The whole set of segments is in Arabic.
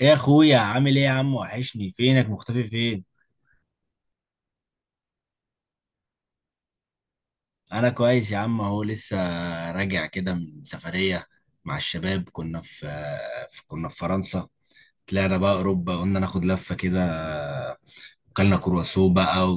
ايه يا اخويا؟ عامل ايه يا عم؟ وحشني، فينك؟ مختفي فين؟ انا كويس يا عم، اهو لسه راجع كده من سفرية مع الشباب. كنا في فرنسا. طلعنا بقى اوروبا، قلنا ناخد لفة كده. وكلنا كرواسو بقى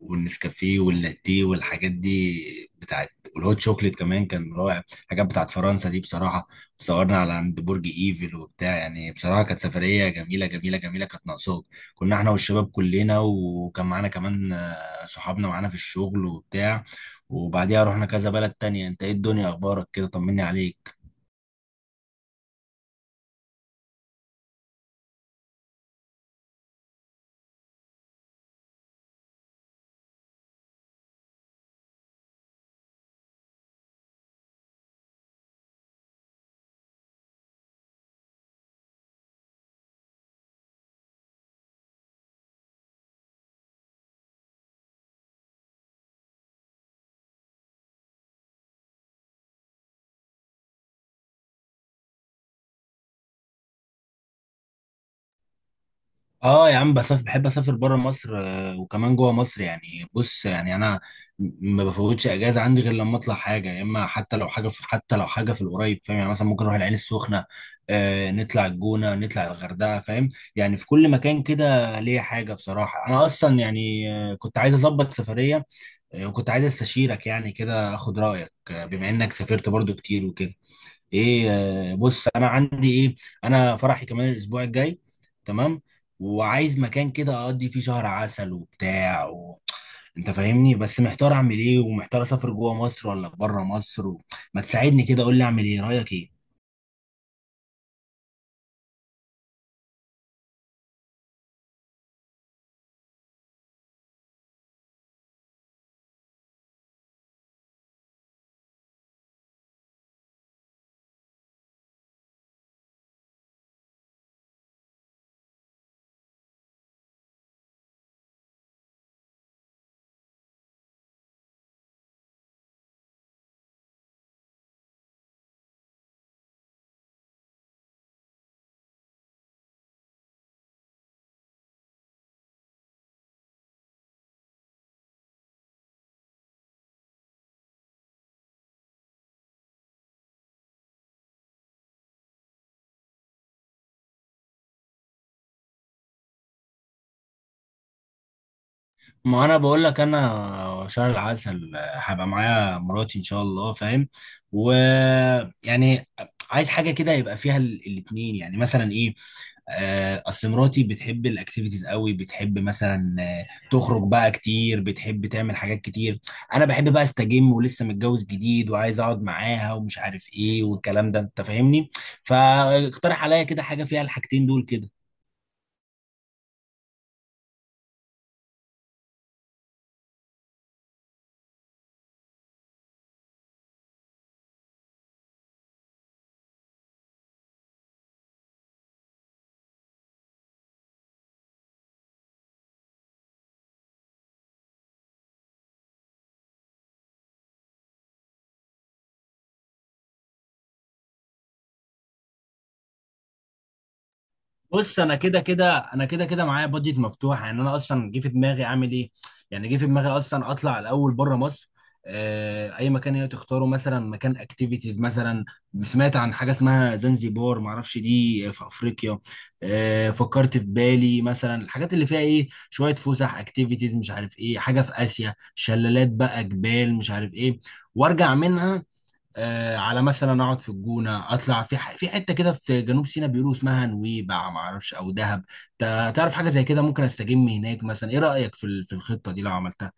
والنسكافيه واللاتيه والحاجات دي بتاعت، والهوت شوكليت كمان كان رائع. الحاجات بتاعت فرنسا دي بصراحة. صورنا على عند برج ايفل وبتاع، يعني بصراحة كانت سفرية جميلة جميلة جميلة، كانت ناقصاك. كنا احنا والشباب كلنا، وكان معانا كمان صحابنا معانا في الشغل وبتاع. وبعديها رحنا كذا بلد تانية. انت ايه؟ الدنيا اخبارك كده؟ طمني عليك. اه يا عم بسافر، بحب اسافر بره مصر وكمان جوه مصر. يعني بص، يعني انا ما بفوتش اجازه عندي غير لما اطلع حاجه، يا اما حتى لو حاجه في، حتى لو حاجه في القريب، فاهم يعني؟ مثلا ممكن اروح العين السخنه، آه، نطلع الجونه، نطلع الغردقه، فاهم؟ يعني في كل مكان كده ليا حاجه بصراحه. انا اصلا يعني كنت عايز اظبط سفريه، وكنت عايز استشيرك يعني كده، اخد رايك، بما انك سافرت برضو كتير وكده. ايه، بص انا عندي ايه، انا فرحي كمان الاسبوع الجاي، تمام؟ وعايز مكان كده اقضي فيه شهر عسل وبتاع انت فاهمني، بس محتار اعمل ايه، ومحتار اسافر جوه مصر ولا بره مصر ما تساعدني كده، قول لي اعمل ايه، رايك ايه؟ ما انا بقول لك، انا شهر العسل هبقى معايا مراتي ان شاء الله، فاهم؟ ويعني عايز حاجه كده يبقى فيها الاتنين، يعني مثلا ايه، اصل مراتي بتحب الاكتيفيتيز قوي، بتحب مثلا تخرج بقى كتير، بتحب تعمل حاجات كتير. انا بحب بقى استجم، ولسه متجوز جديد وعايز اقعد معاها ومش عارف ايه والكلام ده، انت فاهمني. فاقترح عليا كده حاجه فيها الحاجتين دول كده. بص انا كده كده، معايا بادجت مفتوحه. يعني انا اصلا جه في دماغي اعمل ايه، يعني جه في دماغي اصلا اطلع الاول بره مصر، اي مكان هي تختاره، مثلا مكان اكتيفيتيز مثلا. سمعت عن حاجه اسمها زنزبار، معرفش دي في افريقيا. فكرت في بالي مثلا الحاجات اللي فيها ايه، شويه فسح، اكتيفيتيز، مش عارف ايه، حاجه في اسيا، شلالات بقى، جبال، مش عارف ايه. وارجع منها آه على مثلا اقعد في الجونه، اطلع في في حته كده في جنوب سيناء، بيقولوا اسمها نويبع، ما اعرفش، او دهب. تعرف حاجه زي كده، ممكن استجم هناك مثلا. ايه رايك في في الخطه دي لو عملتها؟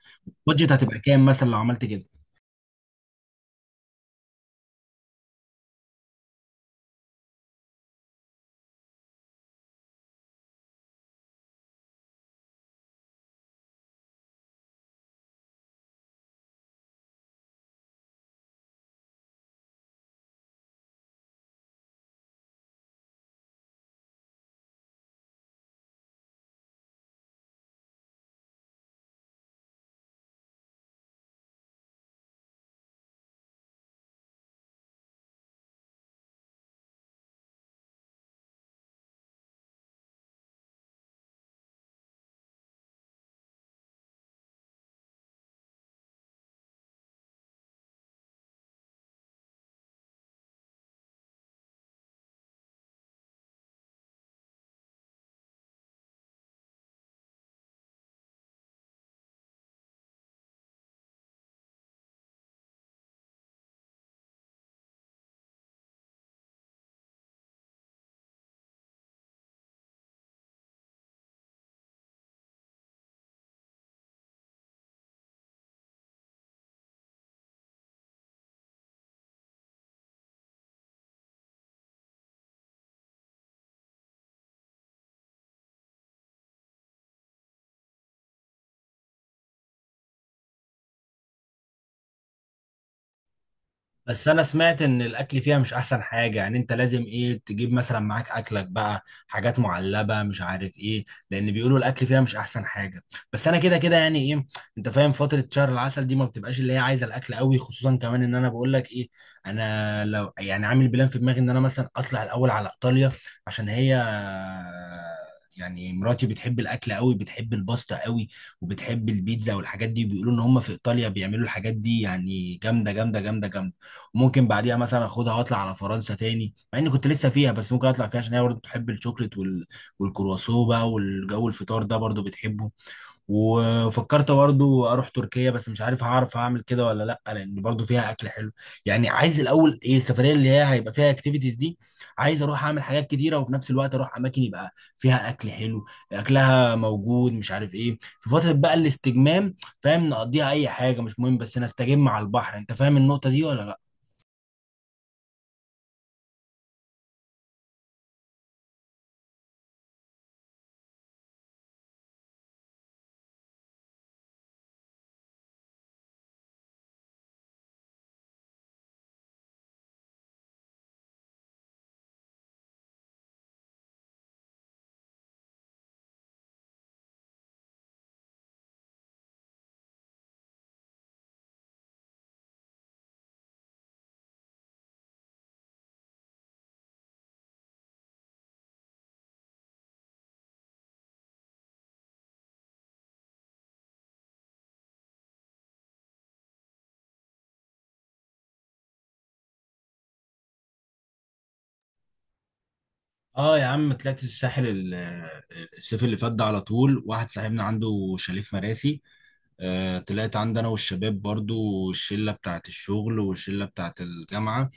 بادجت هتبقى كام مثلا لو عملت كده؟ بس انا سمعت ان الاكل فيها مش احسن حاجه، يعني انت لازم ايه، تجيب مثلا معاك اكلك بقى، حاجات معلبه، مش عارف ايه، لان بيقولوا الاكل فيها مش احسن حاجه. بس انا كده كده يعني ايه، انت فاهم، فتره شهر العسل دي ما بتبقاش اللي هي عايزه الاكل قوي. خصوصا كمان ان انا بقول لك ايه، انا لو يعني عامل بلان في دماغي ان انا مثلا اطلع الاول على ايطاليا، عشان هي يعني، مراتي بتحب الاكل قوي، بتحب الباستا قوي، وبتحب البيتزا والحاجات دي. بيقولوا ان هم في ايطاليا بيعملوا الحاجات دي يعني جامده جامده جامده جامده. ممكن بعديها مثلا اخدها واطلع على فرنسا تاني، مع اني كنت لسه فيها، بس ممكن اطلع فيها عشان هي برضه بتحب الشوكليت والكرواسون بقى والجو، الفطار ده برضه بتحبه. وفكرت برضه اروح تركيا، بس مش عارف هعرف اعمل كده ولا لا، لان برضه فيها اكل حلو. يعني عايز الاول ايه، السفريه اللي هي هيبقى فيها اكتيفيتيز دي، عايز اروح اعمل حاجات كتيره، وفي نفس الوقت اروح اماكن يبقى فيها اكل حلو، اكلها موجود، مش عارف ايه. في فتره بقى الاستجمام، فاهم، نقضيها اي حاجه مش مهم، بس نستجم على البحر. انت فاهم النقطه دي ولا لا؟ اه يا عم، طلعت الساحل الصيف اللي فات ده، على طول. واحد صاحبنا عنده شاليه في مراسي، آه طلعت عندي انا والشباب، برضو الشلة بتاعت الشغل والشلة بتاعت الجامعة.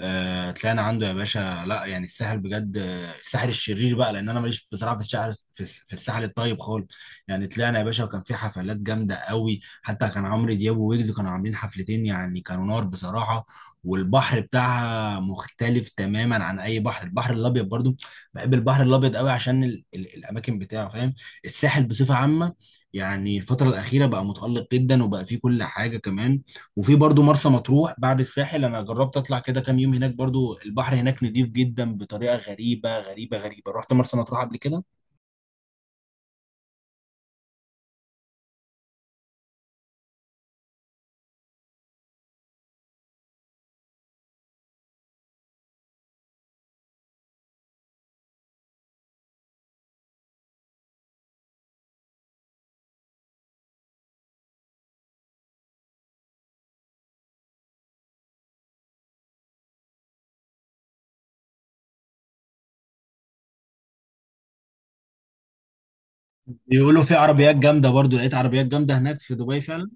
طلعنا عنده يا باشا. لا يعني، الساحل بجد الساحل الشرير بقى، لان انا ماليش بصراحه في الساحل، في الساحل الطيب خالص. يعني طلعنا يا باشا، وكان في حفلات جامده قوي، حتى كان عمرو دياب وويجز كانوا عاملين حفلتين، يعني كانوا نار بصراحه. والبحر بتاعها مختلف تماما عن اي بحر، البحر الابيض برضو. بحب البحر الابيض قوي عشان ال الاماكن بتاعه، فاهم؟ الساحل بصفه عامه يعني الفتره الاخيره بقى متالق جدا، وبقى فيه كل حاجه كمان. وفي برضو مرسى مطروح بعد الساحل، انا جربت اطلع كده كام يوم هناك، برضو البحر هناك نضيف جدا بطريقه غريبه غريبه غريبه، رحت مرسى مطروح قبل كده. بيقولوا في عربيات جامده، برضو لقيت عربيات جامده هناك في دبي فعلا.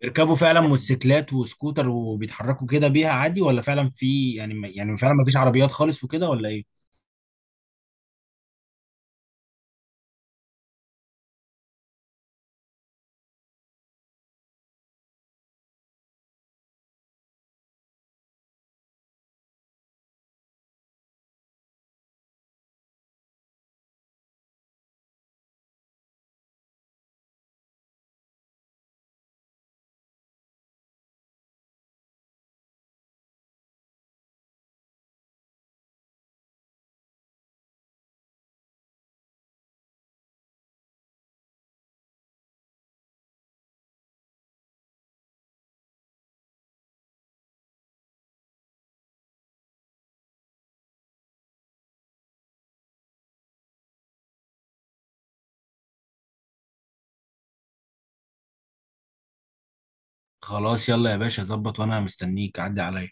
بيركبوا فعلا موتوسيكلات وسكوتر وبيتحركوا كده بيها عادي، ولا فعلا في يعني، فعلا ما فيش عربيات خالص وكده ولا ايه؟ خلاص يلا يا باشا، ظبط وانا مستنيك، عدي عليا.